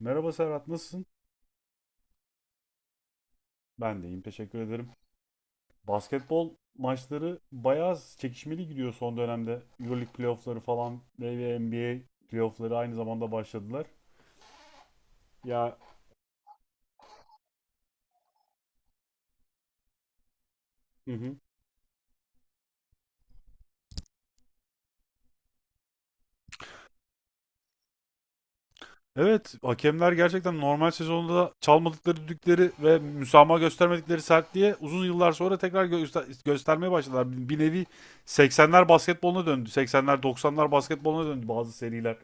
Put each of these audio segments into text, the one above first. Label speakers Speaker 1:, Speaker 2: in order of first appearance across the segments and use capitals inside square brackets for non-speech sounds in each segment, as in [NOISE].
Speaker 1: Merhaba Serhat, nasılsın? Ben de iyiyim, teşekkür ederim. Basketbol maçları bayağı çekişmeli gidiyor son dönemde. EuroLeague playoffları falan ve NBA playoffları aynı zamanda başladılar. Ya hı hı. Evet, hakemler gerçekten normal sezonda çalmadıkları düdükleri ve müsamaha göstermedikleri sertliğe uzun yıllar sonra tekrar göstermeye başladılar. Bir nevi 80'ler basketboluna döndü. 80'ler 90'lar basketboluna döndü bazı seriler.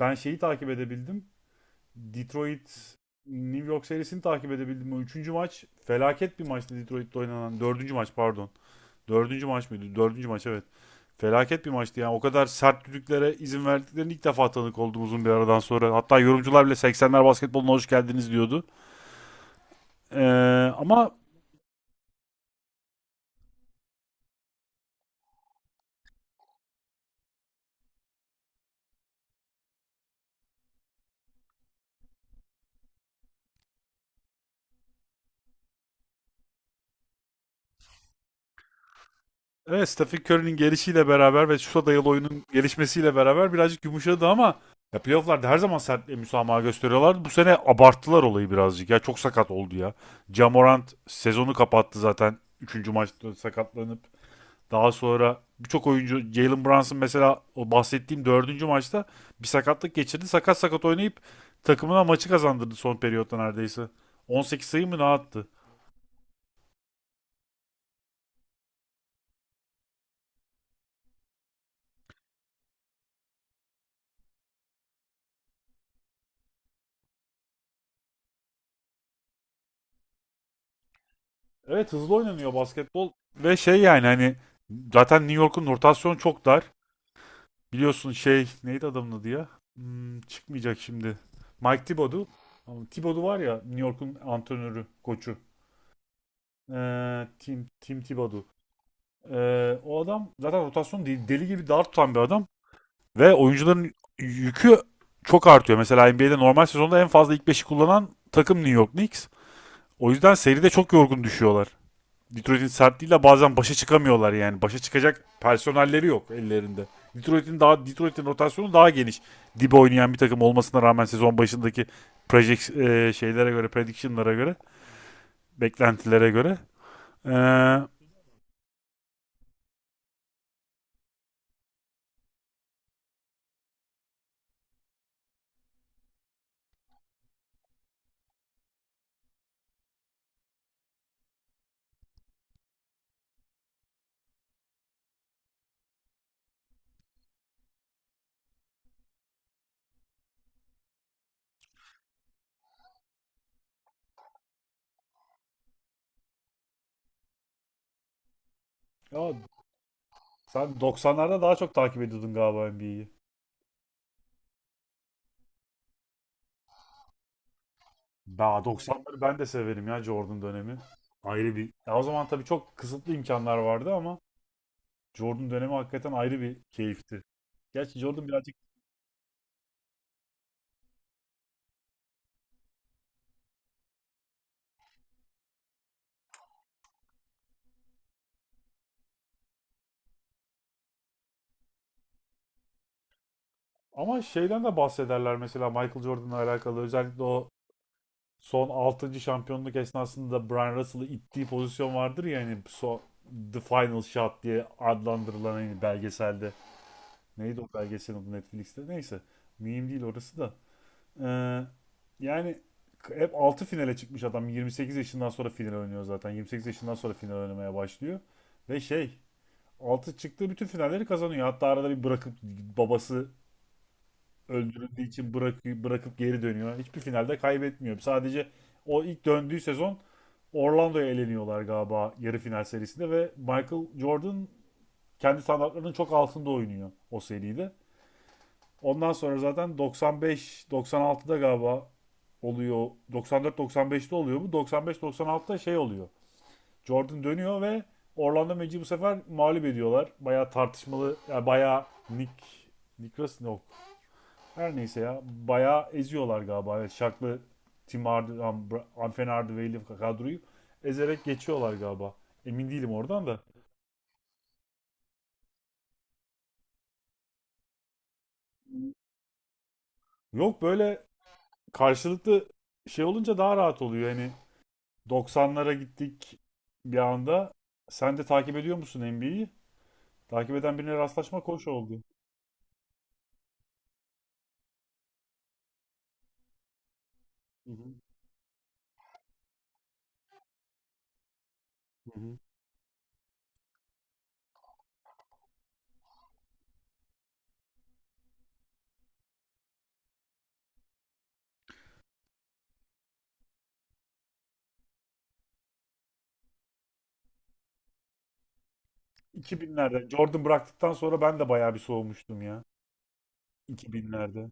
Speaker 1: Ben şeyi takip edebildim. Detroit New York serisini takip edebildim. O üçüncü maç felaket bir maçtı Detroit'te oynanan. Dördüncü maç pardon. Dördüncü maç mıydı? Dördüncü maç, evet. Felaket bir maçtı yani. O kadar sert düdüklere izin verdiklerini ilk defa tanık oldum uzun bir aradan sonra. Hatta yorumcular bile 80'ler basketboluna hoş geldiniz diyordu. Ee, ama evet, Stephen Curry'nin gelişiyle beraber ve şuta dayalı oyunun gelişmesiyle beraber birazcık yumuşadı ama ya playofflarda her zaman sertliğe müsamaha gösteriyorlardı. Bu sene abarttılar olayı birazcık ya. Çok sakat oldu ya. Jamorant sezonu kapattı zaten. Üçüncü maçta sakatlanıp. Daha sonra birçok oyuncu Jalen Brunson mesela, o bahsettiğim dördüncü maçta bir sakatlık geçirdi. Sakat sakat oynayıp takımına maçı kazandırdı son periyotta neredeyse. 18 sayı mı ne attı? Evet, hızlı oynanıyor basketbol ve şey, yani hani zaten New York'un rotasyonu çok dar. Biliyorsun şey neydi adamın adı ya? Hmm, çıkmayacak şimdi. Mike Thibodeau. Ama Thibodeau var ya, New York'un antrenörü, koçu. Tim Thibodeau. O adam zaten rotasyon değil, deli gibi dar tutan bir adam. Ve oyuncuların yükü çok artıyor. Mesela NBA'de normal sezonda en fazla ilk beşi kullanan takım New York Knicks. O yüzden seride çok yorgun düşüyorlar. Detroit'in sertliğiyle bazen başa çıkamıyorlar yani. Başa çıkacak personelleri yok ellerinde. Detroit'in daha Detroit'in rotasyonu daha geniş. Dibe oynayan bir takım olmasına rağmen sezon başındaki project şeylere göre, prediction'lara göre, beklentilere göre. Ee, ya sen 90'larda daha çok takip ediyordun galiba NBA'yi. Daha 90'ları ben de severim ya, Jordan dönemi. Ayrı bir. Ya o zaman tabii çok kısıtlı imkanlar vardı ama Jordan dönemi hakikaten ayrı bir keyifti. Gerçi Jordan birazcık ama şeyden de bahsederler mesela Michael Jordan'la alakalı. Özellikle o son altıncı şampiyonluk esnasında Brian Russell'ı ittiği pozisyon vardır ya hani, The Final Shot diye adlandırılan hani belgeselde. Neydi o belgeselin adı Netflix'te? Neyse. Mühim değil orası da. Ee, yani hep 6 finale çıkmış adam. 28 yaşından sonra final oynuyor zaten. 28 yaşından sonra final oynamaya başlıyor. Ve şey, 6 çıktığı bütün finalleri kazanıyor. Hatta arada bir bırakıp babası öldürüldüğü için bırakıp geri dönüyor. Hiçbir finalde kaybetmiyor. Sadece o ilk döndüğü sezon Orlando'ya eleniyorlar galiba yarı final serisinde ve Michael Jordan kendi standartlarının çok altında oynuyor o seride. Ondan sonra zaten 95-96'da galiba oluyor. 94-95'te oluyor bu. 95-96'da şey oluyor. Jordan dönüyor ve Orlando Magic'i bu sefer mağlup ediyorlar. Bayağı tartışmalı, yani bayağı yok. Her neyse ya. Bayağı eziyorlar galiba. Evet, Şaklı Tim Hard- Am- Bra- Amfen Hardaway'li kadroyu ezerek geçiyorlar galiba. Emin değilim oradan da. Yok, böyle karşılıklı şey olunca daha rahat oluyor. Yani 90'lara gittik bir anda. Sen de takip ediyor musun NBA'yi? Takip eden birine rastlaşmak hoş oldu. Hı hı, hı hı. 2000'lerde Jordan bıraktıktan sonra ben de bayağı bir soğumuştum ya. 2000'lerde.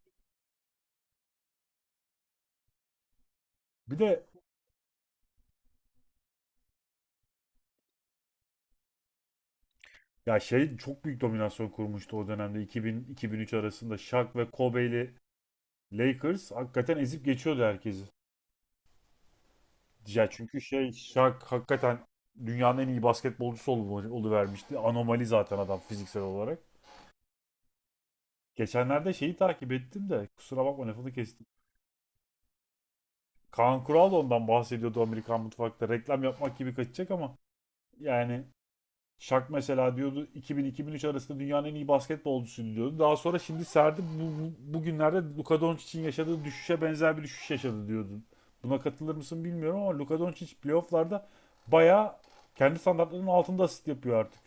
Speaker 1: Bir de ya şey, çok büyük dominasyon kurmuştu o dönemde 2000-2003 arasında Shaq ve Kobe'li Lakers hakikaten ezip geçiyordu herkesi. Ya çünkü şey, Shaq hakikaten dünyanın en iyi basketbolcusu oluvermişti. Anomali zaten adam fiziksel olarak. Geçenlerde şeyi takip ettim de kusura bakma lafını kestim. Kaan Kural da ondan bahsediyordu Amerikan mutfakta. Reklam yapmak gibi kaçacak ama yani Şak mesela, diyordu, 2000-2003 arasında dünyanın en iyi basketbolcusu diyordu. Daha sonra şimdi serdi bugünlerde Luka Doncic'in yaşadığı düşüşe benzer bir düşüş yaşadı diyordu. Buna katılır mısın bilmiyorum ama Luka Doncic playofflarda bayağı kendi standartlarının altında asist yapıyor artık.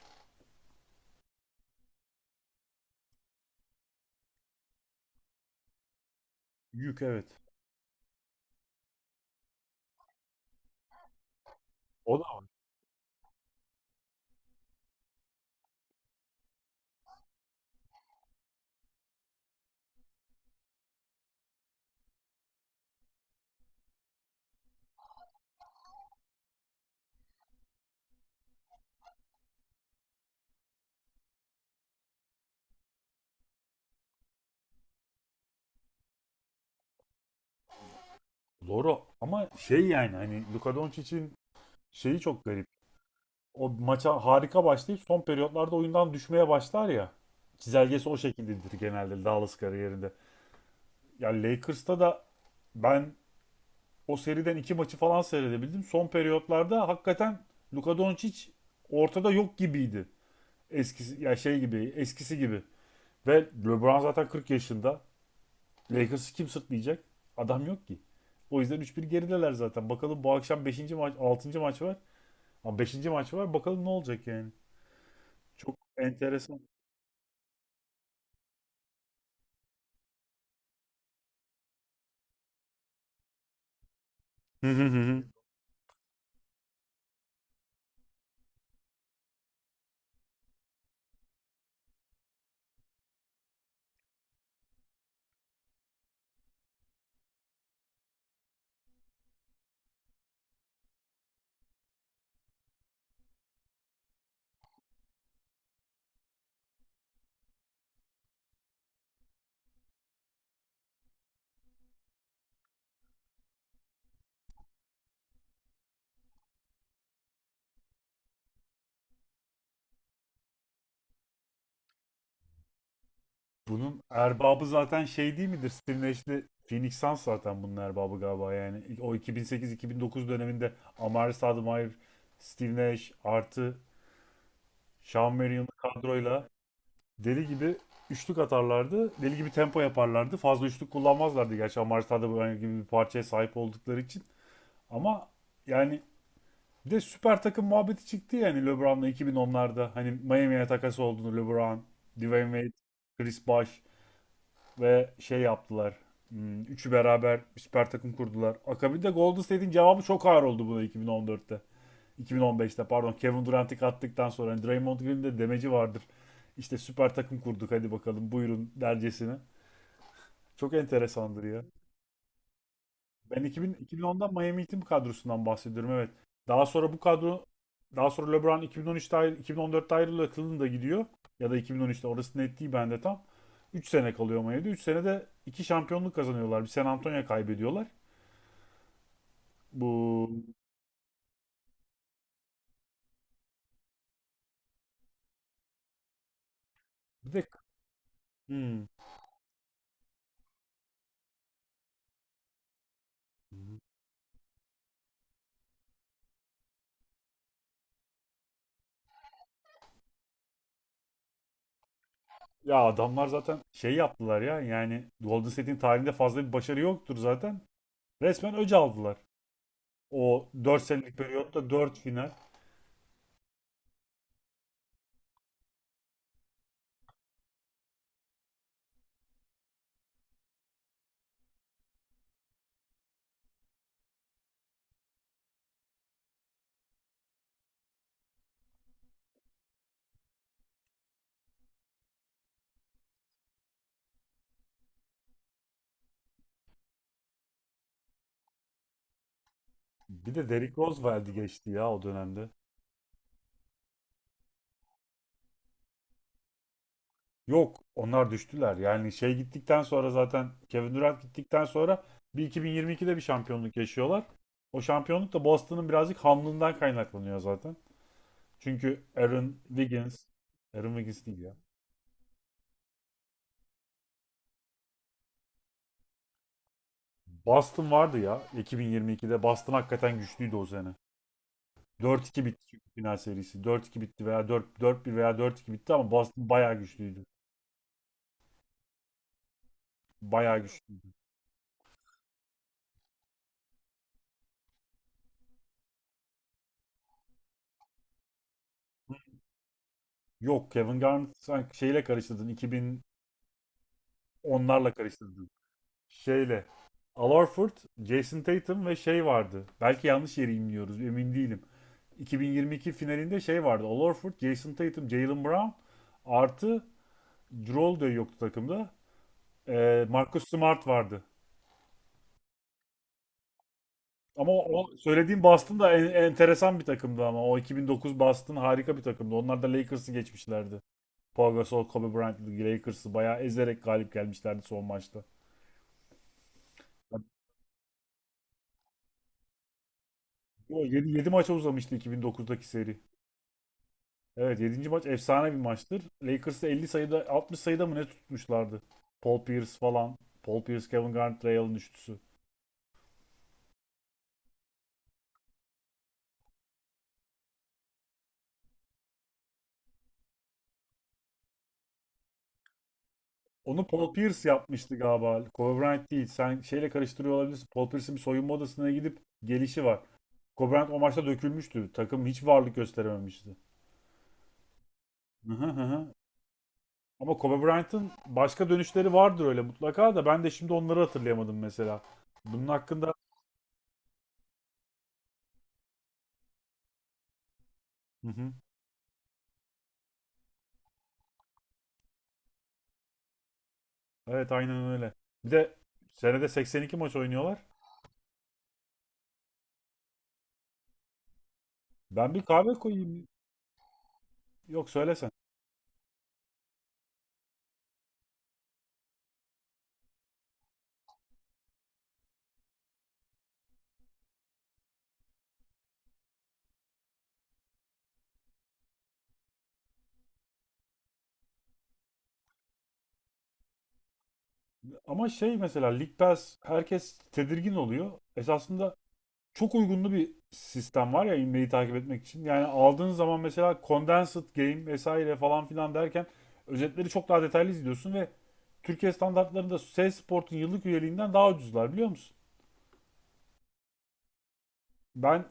Speaker 1: Yük, evet. O da doğru ama şey, yani hani Luka Doncic'in şeyi çok garip. O maça harika başlayıp son periyotlarda oyundan düşmeye başlar ya. Çizelgesi o şekildedir genelde Dallas kariyerinde. Ya yani Lakers'ta da ben o seriden iki maçı falan seyredebildim. Son periyotlarda hakikaten Luka Doncic ortada yok gibiydi. Eskisi ya şey gibi, eskisi gibi. Ve LeBron zaten 40 yaşında. Lakers'ı kim sırtlayacak? Adam yok ki. O yüzden üç bir gerideler zaten. Bakalım bu akşam beşinci maç, altıncı maç var. Ama beşinci maç var. Bakalım ne olacak yani. Çok enteresan. Hı hı hı. Bunun erbabı zaten şey değil midir? Steve Nash'li Phoenix Suns zaten bunun erbabı galiba yani. O 2008-2009 döneminde Amari Stoudemire, Steve Nash artı Sean Marion'un kadroyla deli gibi üçlük atarlardı. Deli gibi tempo yaparlardı. Fazla üçlük kullanmazlardı gerçi Amari Stoudemire gibi bir parçaya sahip oldukları için. Ama yani bir de süper takım muhabbeti çıktı yani LeBron'la 2010'larda. Hani Miami'ye takası olduğunu LeBron, Dwayne Wade, Chris Bosh ve şey yaptılar. Hmm, üçü beraber bir süper takım kurdular. Akabinde Golden State'in cevabı çok ağır oldu buna, iki bin on dörtte iki bin on beşte, Kevin Durant'i kattıktan sonra hani Draymond Green'in de demeci vardır. İşte süper takım kurduk hadi bakalım buyurun dercesine. Çok enteresandır ya. Ben 2000, 2010'dan Miami Heat'in kadrosundan bahsediyorum evet. Daha sonra bu kadro daha sonra LeBron 2014'te ayrılıyor. Cleveland'a gidiyor. Ya da 2013'te, orası net değil bende tam. Üç sene kalıyor Miami'de. 3 senede 2 şampiyonluk kazanıyorlar. Bir San Antonio kaybediyorlar. Bu bir de hmm. Ya adamlar zaten şey yaptılar ya, yani Golden State'in tarihinde fazla bir başarı yoktur zaten. Resmen öc aldılar. O 4 senelik periyotta 4 final. Bir de Derrick Rose verdi geçti ya o dönemde. Yok, onlar düştüler. Yani şey gittikten sonra zaten Kevin Durant gittikten sonra bir 2022'de bir şampiyonluk yaşıyorlar. O şampiyonluk da Boston'ın birazcık hamlığından kaynaklanıyor zaten. Çünkü Aaron Wiggins, değil ya. Boston vardı ya 2022'de. Boston hakikaten güçlüydü o sene. 4-2 bitti çünkü final serisi. 4-2 bitti veya 4 4-1 veya 4-2 bitti ama Boston bayağı güçlüydü. Bayağı güçlü. Yok, Kevin Garnett sanki şeyle karıştırdın. İki bin onlarla karıştırdın. Şeyle. Al Horford, Jason Tatum ve şey vardı. Belki yanlış yeri imliyoruz, emin değilim. 2022 finalinde şey vardı. Al Horford, Jason Tatum, Jaylen Brown artı Jrue de yoktu takımda. Marcus Smart vardı. Ama o, o söylediğim Boston da enteresan bir takımdı ama. O 2009 Boston harika bir takımdı. Onlar da Lakers'ı geçmişlerdi. Paul Gasol, Kobe Bryant, Lakers'ı bayağı ezerek galip gelmişlerdi son maçta. 7 maça uzamıştı 2009'daki seri. Evet, yedinci maç efsane bir maçtır. Lakers'ı 50 sayıda, 60 sayıda mı ne tutmuşlardı? Paul Pierce falan. Paul Pierce, Kevin Garnett, Ray Allen üçlüsü. Onu Paul Pierce yapmıştı galiba. Kobe Bryant değil. Sen şeyle karıştırıyor olabilirsin. Paul Pierce'in bir soyunma odasına gidip gelişi var. Kobe Bryant o maçta dökülmüştü. Takım hiç varlık gösterememişti. Hı hı hı. Ama Kobe Bryant'ın başka dönüşleri vardır öyle mutlaka da ben de şimdi onları hatırlayamadım mesela. Bunun hakkında hı hı. Evet aynen öyle. Bir de senede 82 maç oynuyorlar. Ben bir kahve koyayım. Yok söylesen. Ama şey, mesela League Pass, herkes tedirgin oluyor. Esasında çok uygunlu bir sistem var ya inmeyi takip etmek için. Yani aldığın zaman mesela Condensed Game vesaire falan filan derken özetleri çok daha detaylı izliyorsun ve Türkiye standartlarında SES Sport'un yıllık üyeliğinden daha ucuzlar, biliyor musun? Ben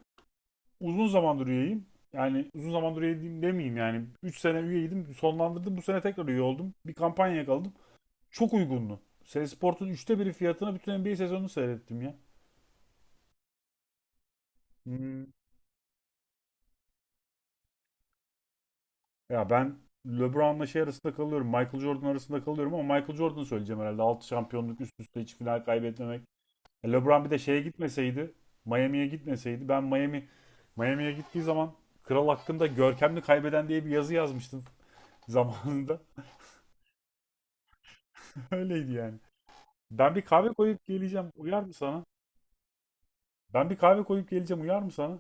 Speaker 1: uzun zamandır üyeyim. Yani uzun zamandır üyeyim demeyeyim yani. Üç sene üyeydim, sonlandırdım, bu sene tekrar üye oldum. Bir kampanya yakaladım. Çok uygundu. Seri üçte biri fiyatına bütün NBA sezonunu seyrettim ya. Hmm. Ya ben LeBron'la şey arasında kalıyorum. Michael Jordan arasında kalıyorum ama Michael Jordan'ı söyleyeceğim herhalde. Altı şampiyonluk üst üste, hiç final kaybetmemek. E, LeBron bir de şeye gitmeseydi, Miami'ye gitmeseydi, ben Miami Miami'ye gittiği zaman kral hakkında görkemli kaybeden diye bir yazı yazmıştım zamanında. [LAUGHS] Öyleydi yani. Ben bir kahve koyup geleceğim. Uyar mı sana? Ben bir kahve koyup geleceğim. Uyar mı sana?